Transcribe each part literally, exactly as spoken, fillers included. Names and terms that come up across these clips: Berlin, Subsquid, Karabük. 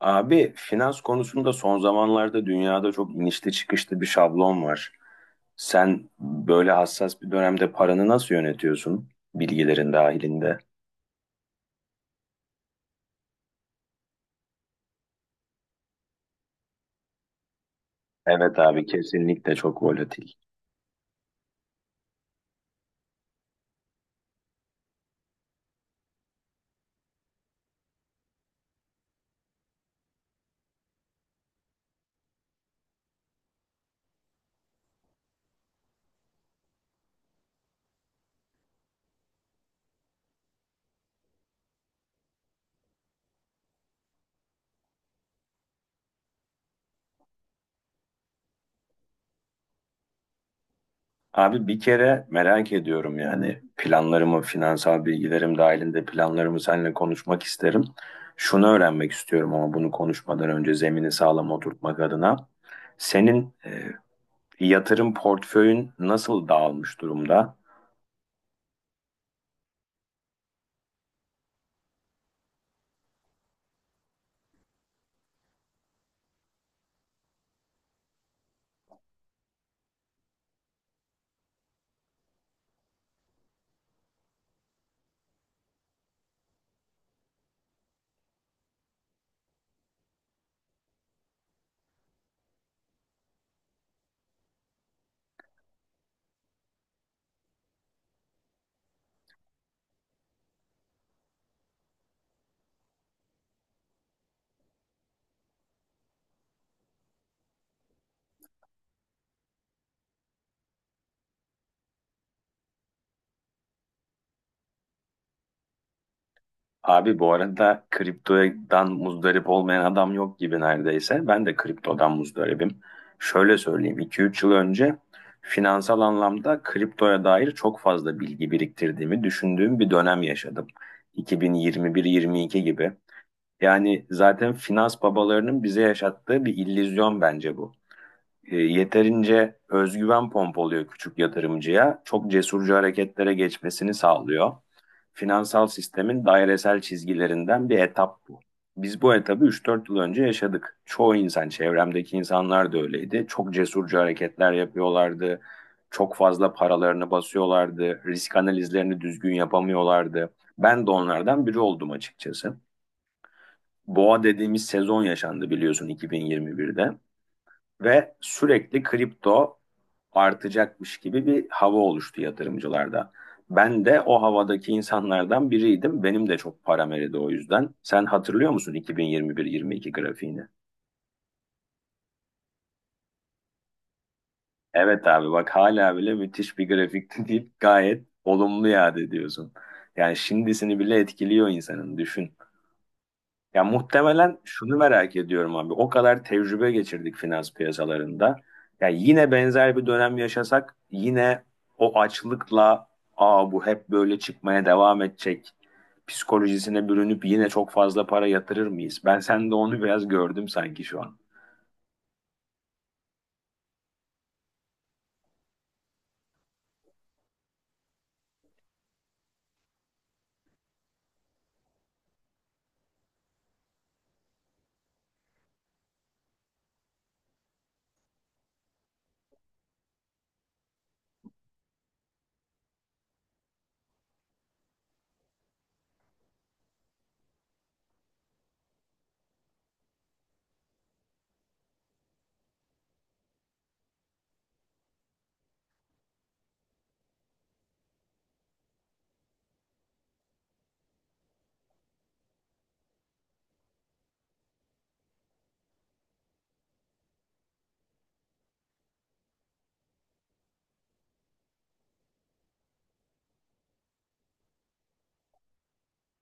Abi finans konusunda son zamanlarda dünyada çok inişli çıkışlı bir şablon var. Sen böyle hassas bir dönemde paranı nasıl yönetiyorsun bilgilerin dahilinde? Evet abi kesinlikle çok volatil. Abi bir kere merak ediyorum yani planlarımı, finansal bilgilerim dahilinde planlarımı seninle konuşmak isterim. Şunu öğrenmek istiyorum ama bunu konuşmadan önce zemini sağlam oturtmak adına. Senin e, yatırım portföyün nasıl dağılmış durumda? Abi bu arada kriptodan muzdarip olmayan adam yok gibi neredeyse. Ben de kriptodan muzdaribim. Şöyle söyleyeyim, iki üç yıl önce finansal anlamda kriptoya dair çok fazla bilgi biriktirdiğimi düşündüğüm bir dönem yaşadım. iki bin yirmi bir-yirmi iki gibi. Yani zaten finans babalarının bize yaşattığı bir illüzyon bence bu. E, yeterince özgüven pompalıyor küçük yatırımcıya, çok cesurca hareketlere geçmesini sağlıyor finansal sistemin dairesel çizgilerinden bir etap bu. Biz bu etabı üç dört yıl önce yaşadık. Çoğu insan, çevremdeki insanlar da öyleydi. Çok cesurca hareketler yapıyorlardı. Çok fazla paralarını basıyorlardı. Risk analizlerini düzgün yapamıyorlardı. Ben de onlardan biri oldum açıkçası. Boğa dediğimiz sezon yaşandı biliyorsun iki bin yirmi bir'de ve sürekli kripto artacakmış gibi bir hava oluştu yatırımcılarda. Ben de o havadaki insanlardan biriydim. Benim de çok param eridi o yüzden. Sen hatırlıyor musun iki bin yirmi bir-yirmi iki grafiğini? Evet abi bak hala bile müthiş bir grafikti deyip gayet olumlu yad ediyorsun. Yani şimdisini bile etkiliyor insanın düşün. Ya muhtemelen şunu merak ediyorum abi. O kadar tecrübe geçirdik finans piyasalarında. Ya yine benzer bir dönem yaşasak yine o açlıkla aa bu hep böyle çıkmaya devam edecek psikolojisine bürünüp yine çok fazla para yatırır mıyız? Ben sende onu biraz gördüm sanki şu an.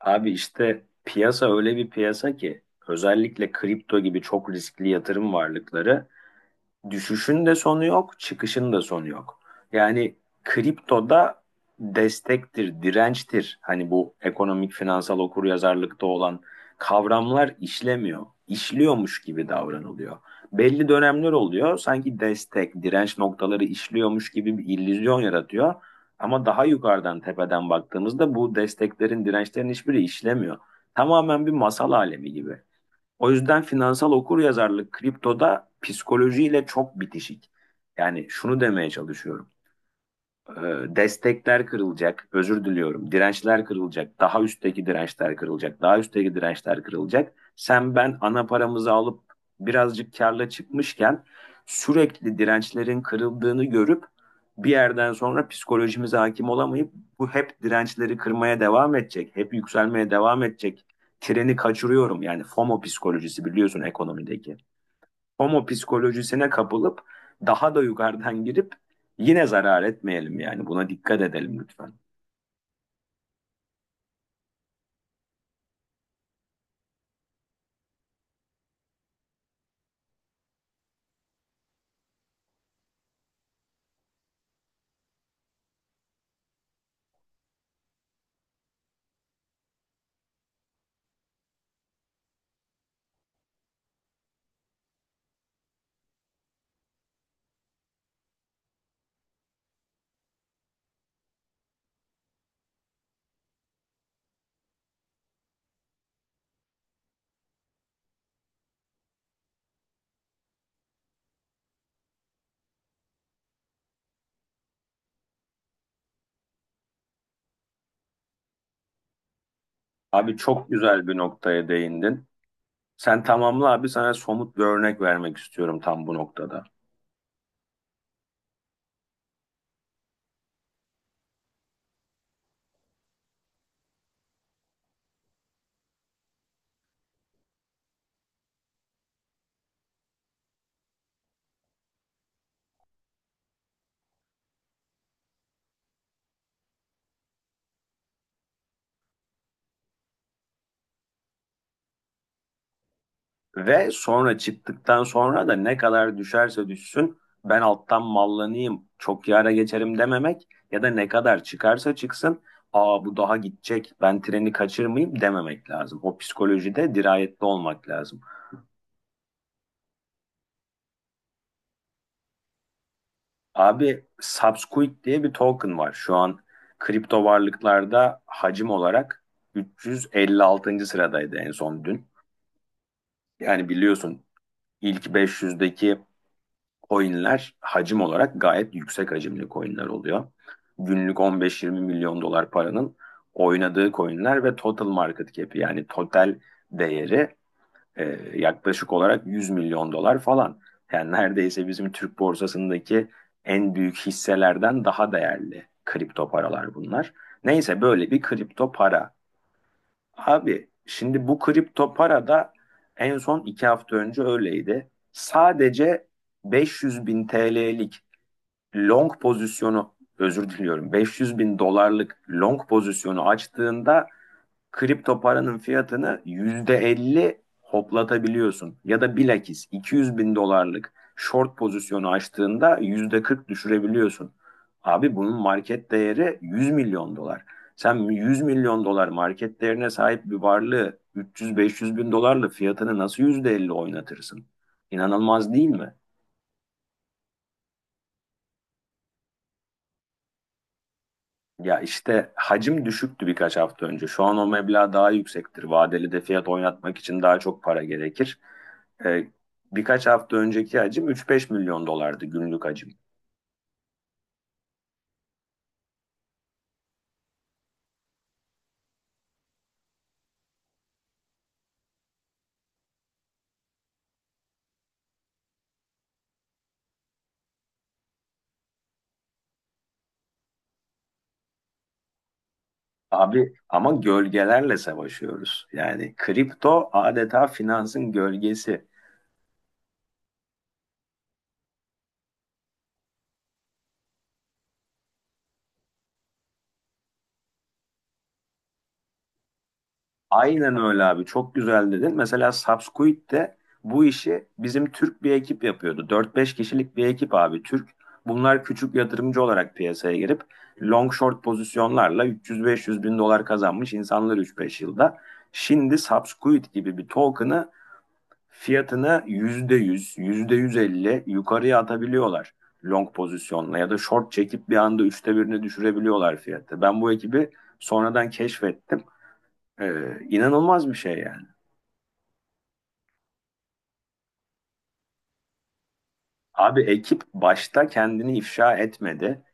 Abi işte piyasa öyle bir piyasa ki özellikle kripto gibi çok riskli yatırım varlıkları düşüşün de sonu yok, çıkışın da sonu yok. Yani kriptoda destektir, dirençtir. Hani bu ekonomik finansal okuryazarlıkta olan kavramlar işlemiyor. İşliyormuş gibi davranılıyor. Belli dönemler oluyor. Sanki destek, direnç noktaları işliyormuş gibi bir illüzyon yaratıyor. Ama daha yukarıdan tepeden baktığımızda bu desteklerin, dirençlerin hiçbiri işlemiyor. Tamamen bir masal alemi gibi. O yüzden finansal okuryazarlık kriptoda psikolojiyle çok bitişik. Yani şunu demeye çalışıyorum e, destekler kırılacak, özür diliyorum, dirençler kırılacak, daha üstteki dirençler kırılacak, daha üstteki dirençler kırılacak. Sen ben ana paramızı alıp birazcık karla çıkmışken sürekli dirençlerin kırıldığını görüp bir yerden sonra psikolojimize hakim olamayıp bu hep dirençleri kırmaya devam edecek, hep yükselmeye devam edecek. Treni kaçırıyorum yani FOMO psikolojisi biliyorsun ekonomideki homo psikolojisine kapılıp daha da yukarıdan girip yine zarar etmeyelim yani buna dikkat edelim lütfen. Abi çok güzel bir noktaya değindin. Sen tamamla abi sana somut bir örnek vermek istiyorum tam bu noktada. Ve sonra çıktıktan sonra da ne kadar düşerse düşsün ben alttan mallanayım çok yara geçerim dememek ya da ne kadar çıkarsa çıksın aa bu daha gidecek ben treni kaçırmayayım dememek lazım. O psikolojide dirayetli olmak lazım. Abi Subsquid diye bir token var. Şu an kripto varlıklarda hacim olarak üç yüz elli altıncı. sıradaydı en son dün. Yani biliyorsun ilk beş yüzdeki coinler hacim olarak gayet yüksek hacimli coinler oluyor. Günlük on beş yirmi milyon dolar paranın oynadığı coinler ve total market cap'i yani total değeri ee, yaklaşık olarak yüz milyon dolar falan. Yani neredeyse bizim Türk borsasındaki en büyük hisselerden daha değerli kripto paralar bunlar. Neyse böyle bir kripto para. Abi şimdi bu kripto para da en son iki hafta önce öyleydi. Sadece beş yüz bin T L'lik long pozisyonu özür diliyorum beş yüz bin dolarlık long pozisyonu açtığında kripto paranın fiyatını yüzde elli hoplatabiliyorsun. Ya da bilakis iki yüz bin dolarlık short pozisyonu açtığında yüzde kırk düşürebiliyorsun. Abi bunun market değeri yüz milyon dolar. Sen yüz milyon dolar market değerine sahip bir varlığı üç yüz beş yüz bin dolarla fiyatını nasıl yüzde elli oynatırsın? İnanılmaz değil mi? Ya işte hacim düşüktü birkaç hafta önce. Şu an o meblağ daha yüksektir. Vadeli de fiyat oynatmak için daha çok para gerekir. Ee, birkaç hafta önceki hacim üç beş milyon dolardı günlük hacim. Abi ama gölgelerle savaşıyoruz. Yani kripto adeta finansın gölgesi. Aynen öyle abi. Çok güzel dedin. Mesela Subsquid de bu işi bizim Türk bir ekip yapıyordu. Dört beş kişilik bir ekip abi Türk. Bunlar küçük yatırımcı olarak piyasaya girip long short pozisyonlarla üç yüz beş yüz bin dolar kazanmış insanlar üç beş yılda. Şimdi Subsquid gibi bir token'ı fiyatını yüzde yüzde yüz, yüzde yüz elli yukarıya atabiliyorlar long pozisyonla ya da short çekip bir anda üçte birini düşürebiliyorlar fiyatı. Ben bu ekibi sonradan keşfettim. Ee, inanılmaz bir şey yani. Abi ekip başta kendini ifşa etmedi.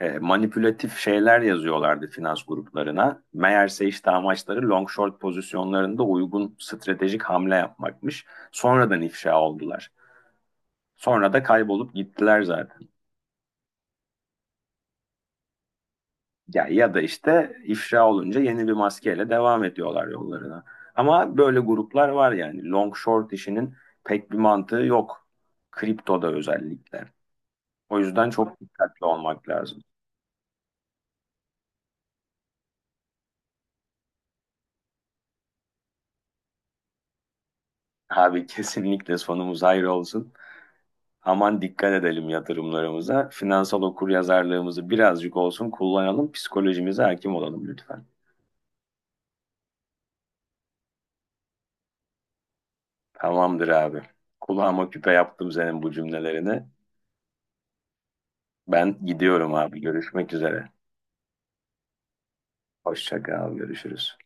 Ee, manipülatif şeyler yazıyorlardı finans gruplarına. Meğerse işte amaçları long short pozisyonlarında uygun stratejik hamle yapmakmış. Sonradan ifşa oldular. Sonra da kaybolup gittiler zaten. Ya ya da işte ifşa olunca yeni bir maskeyle devam ediyorlar yollarına. Ama böyle gruplar var yani. Long short işinin pek bir mantığı yok. Kriptoda özellikle. O yüzden çok dikkatli olmak lazım. Abi kesinlikle sonumuz hayır olsun. Aman dikkat edelim yatırımlarımıza. Finansal okuryazarlığımızı birazcık olsun kullanalım. Psikolojimize hakim olalım lütfen. Tamamdır abi. Kulağıma küpe yaptım senin bu cümlelerini. Ben gidiyorum abi. Görüşmek üzere. Hoşça kal. Görüşürüz.